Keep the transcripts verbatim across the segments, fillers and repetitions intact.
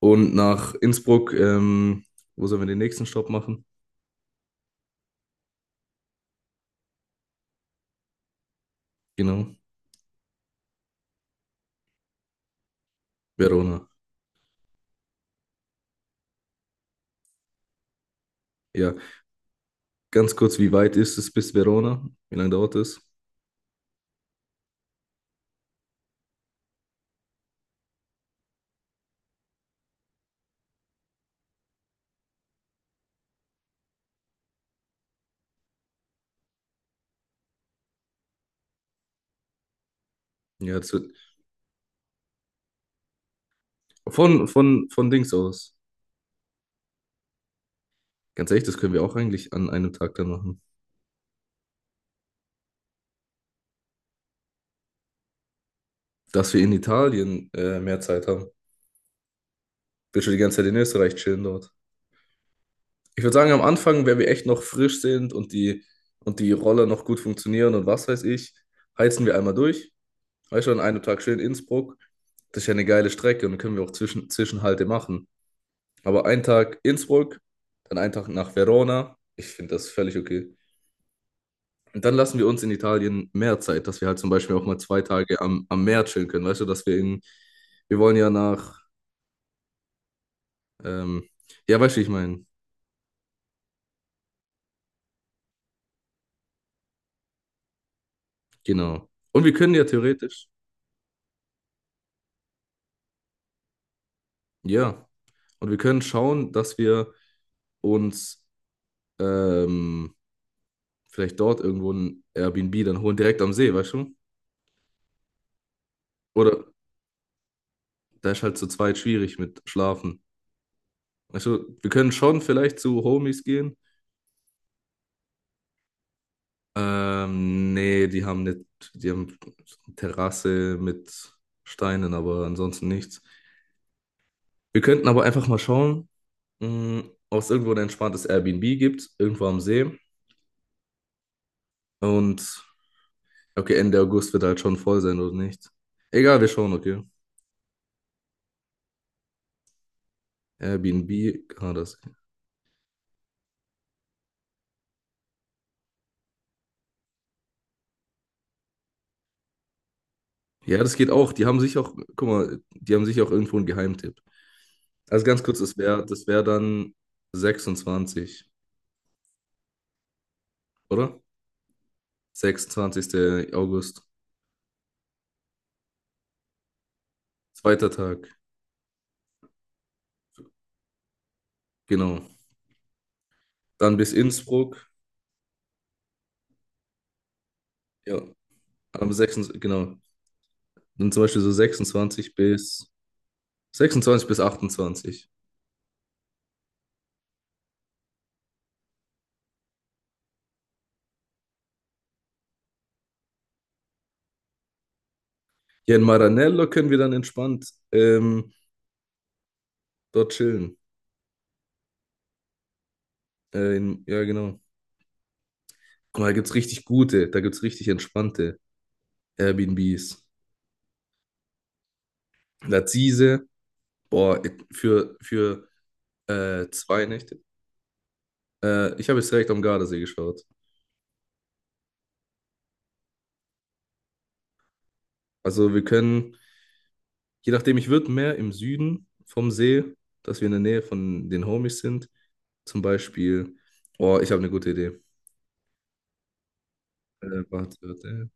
Und nach Innsbruck, ähm, wo sollen wir den nächsten Stopp machen? Genau, Verona. Ja, ganz kurz, wie weit ist es bis Verona? Wie lange dauert es? Ja, das wird von, von, von Dings aus. Ganz ehrlich, das können wir auch eigentlich an einem Tag dann machen. Dass wir in Italien äh, mehr Zeit haben. Will schon die ganze Zeit in Österreich chillen dort. Ich würde sagen, am Anfang, wenn wir echt noch frisch sind und die, und die Roller noch gut funktionieren und was weiß ich, heizen wir einmal durch. Weißt du, an einem Tag schön Innsbruck, das ist ja eine geile Strecke und dann können wir auch Zwischen Zwischenhalte machen. Aber einen Tag Innsbruck, dann einen Tag nach Verona. Ich finde das völlig okay. Und dann lassen wir uns in Italien mehr Zeit, dass wir halt zum Beispiel auch mal zwei Tage am, am Meer chillen können. Weißt du, dass wir in, wir wollen ja nach, ähm, ja, weißt du, wie ich meine, genau. Und wir können ja theoretisch, ja, und wir können schauen, dass wir uns ähm, vielleicht dort irgendwo ein Airbnb dann holen, direkt am See, weißt du? Oder, da ist halt zu zweit schwierig mit Schlafen. Also, wir können schon vielleicht zu Homies gehen. Ähm, nee, die haben nicht, die haben Terrasse mit Steinen, aber ansonsten nichts. Wir könnten aber einfach mal schauen, mh, ob es irgendwo ein entspanntes Airbnb gibt, irgendwo am See. Und okay, Ende August wird halt schon voll sein oder nicht. Egal, wir schauen, okay. Airbnb, ah, das. Ja, das geht auch. Die haben sich auch, guck mal, die haben sich auch irgendwo einen Geheimtipp. Also ganz kurz, das wäre das wär dann sechsundzwanzigste, oder? sechsundzwanzigster August, zweiter Tag, genau. Dann bis Innsbruck, ja, am sechsundzwanzigsten, genau. Dann zum Beispiel so sechsundzwanzigsten bis sechsundzwanzigsten bis achtundzwanzigsten. Hier in Maranello können wir dann entspannt ähm, dort chillen. Äh, in, ja, genau. Guck mal, da gibt's richtig gute, da gibt's richtig entspannte Airbnbs. Lazise, boah, für, für äh, zwei Nächte. Äh, ich habe jetzt direkt am Gardasee geschaut. Also wir können, je nachdem, ich würde mehr im Süden vom See, dass wir in der Nähe von den Homies sind. Zum Beispiel, oh, ich habe eine gute Idee. Äh, warte, warte, äh,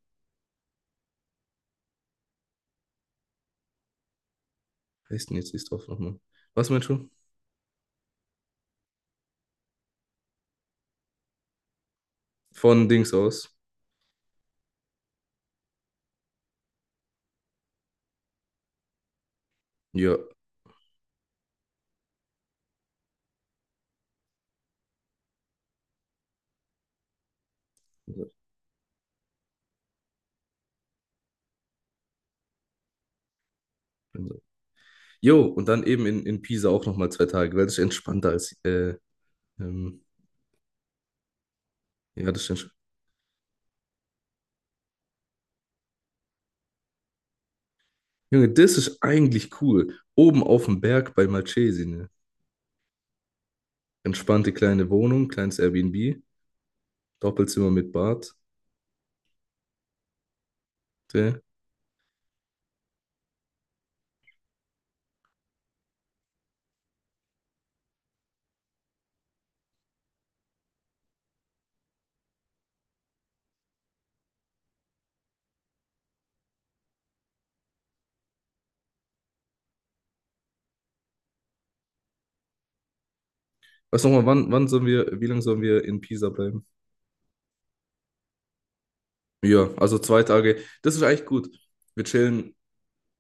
heißt denn jetzt die Dorf nochmal? Was meinst du? Von Dings aus. Ja. Jo, und dann eben in, in Pisa auch nochmal zwei Tage, weil das ist entspannter als, äh, ähm, ja, das ist entspannt. Junge, das ist eigentlich cool. Oben auf dem Berg bei Malcesine. Entspannte kleine Wohnung, kleines Airbnb. Doppelzimmer mit Bad. Okay? Weißt du nochmal, wann, wann sollen wir, wie lange sollen wir in Pisa bleiben? Ja, also zwei Tage. Das ist eigentlich gut. Wir chillen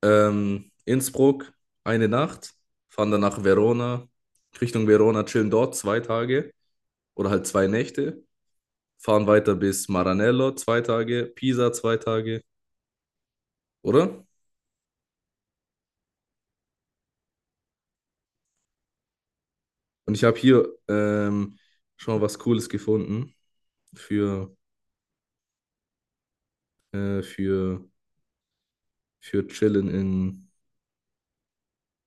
ähm, Innsbruck eine Nacht, fahren dann nach Verona, Richtung Verona, chillen dort zwei Tage oder halt zwei Nächte, fahren weiter bis Maranello zwei Tage, Pisa zwei Tage, oder? Und ich habe hier ähm, schon mal was Cooles gefunden für, äh, für, für Chillen in,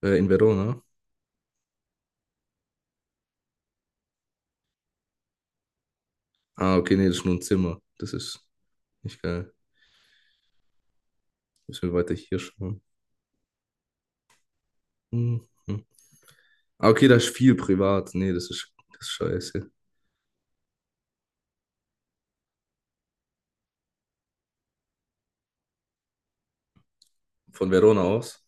äh, in Verona. Ah, okay, nee, das ist nur ein Zimmer. Das ist nicht geil. Müssen wir weiter hier schauen. Mhm. Ah, okay, da ist viel privat. Nee, das ist, das ist scheiße. Von Verona aus,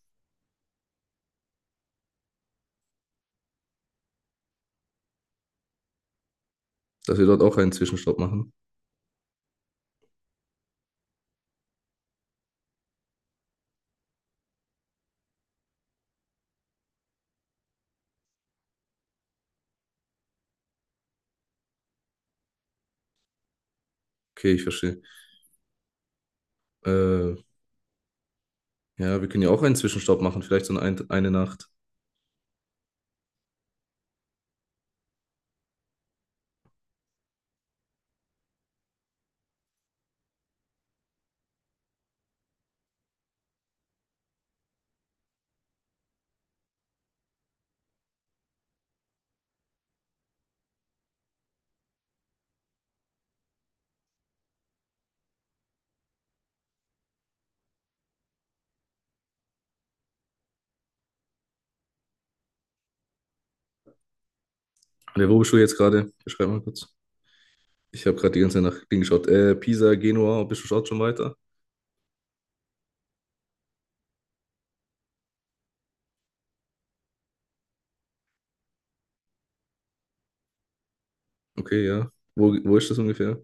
dass wir dort auch einen Zwischenstopp machen. Okay, ich verstehe. Äh, ja, wir können ja auch einen Zwischenstopp machen, vielleicht so eine, eine Nacht. Und wo bist du jetzt gerade? Beschreib mal kurz. Ich habe gerade die ganze Nacht hingeschaut. Äh, Pisa, Genua, bist du schaut schon weiter? Okay, ja. Wo, wo ist das ungefähr?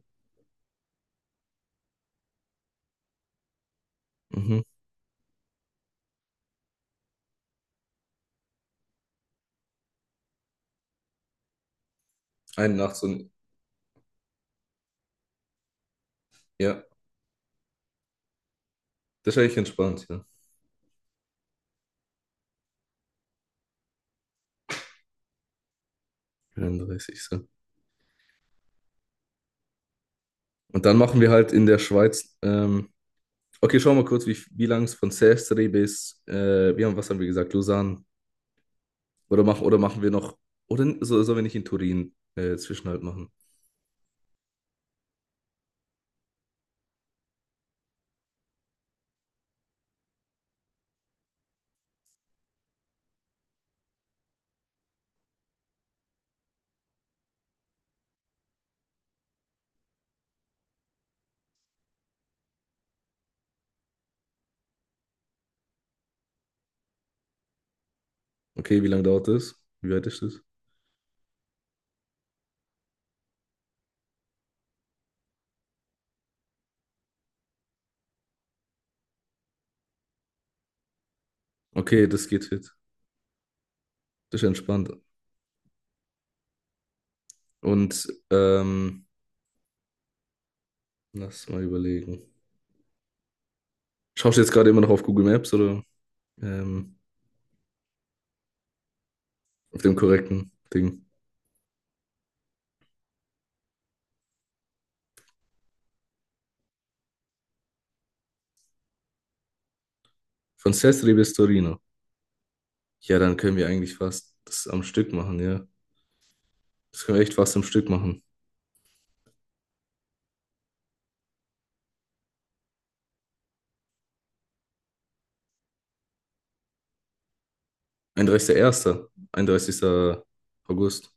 Mhm. Eine Nacht so ein, ja. Das ist eigentlich entspannt, ja. einunddreißigsten. Und dann machen wir halt in der Schweiz. Ähm, okay, schauen wir mal kurz, wie, wie lang es von Sestre bis, äh, wir haben, was haben wir gesagt, Lausanne. Oder machen, oder machen wir noch, oder so, sollen wir nicht in Turin äh, Zwischenhalt machen? Okay, wie lange dauert das? Wie weit ist das? Okay, das geht fit. Das ist entspannt. Und ähm, lass mal überlegen. Schaust du jetzt gerade immer noch auf Google Maps oder ähm, auf dem korrekten Ding? Von Sestri bis Torino. Ja, dann können wir eigentlich fast das am Stück machen, ja. Das können wir echt fast am Stück machen. einunddreißigster erster., einunddreißigster August.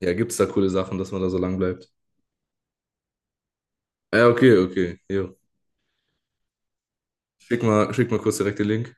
Ja, gibt's da coole Sachen, dass man da so lang bleibt? Ja, okay, okay. Jo. Schick mal, schick mal kurz direkt den Link.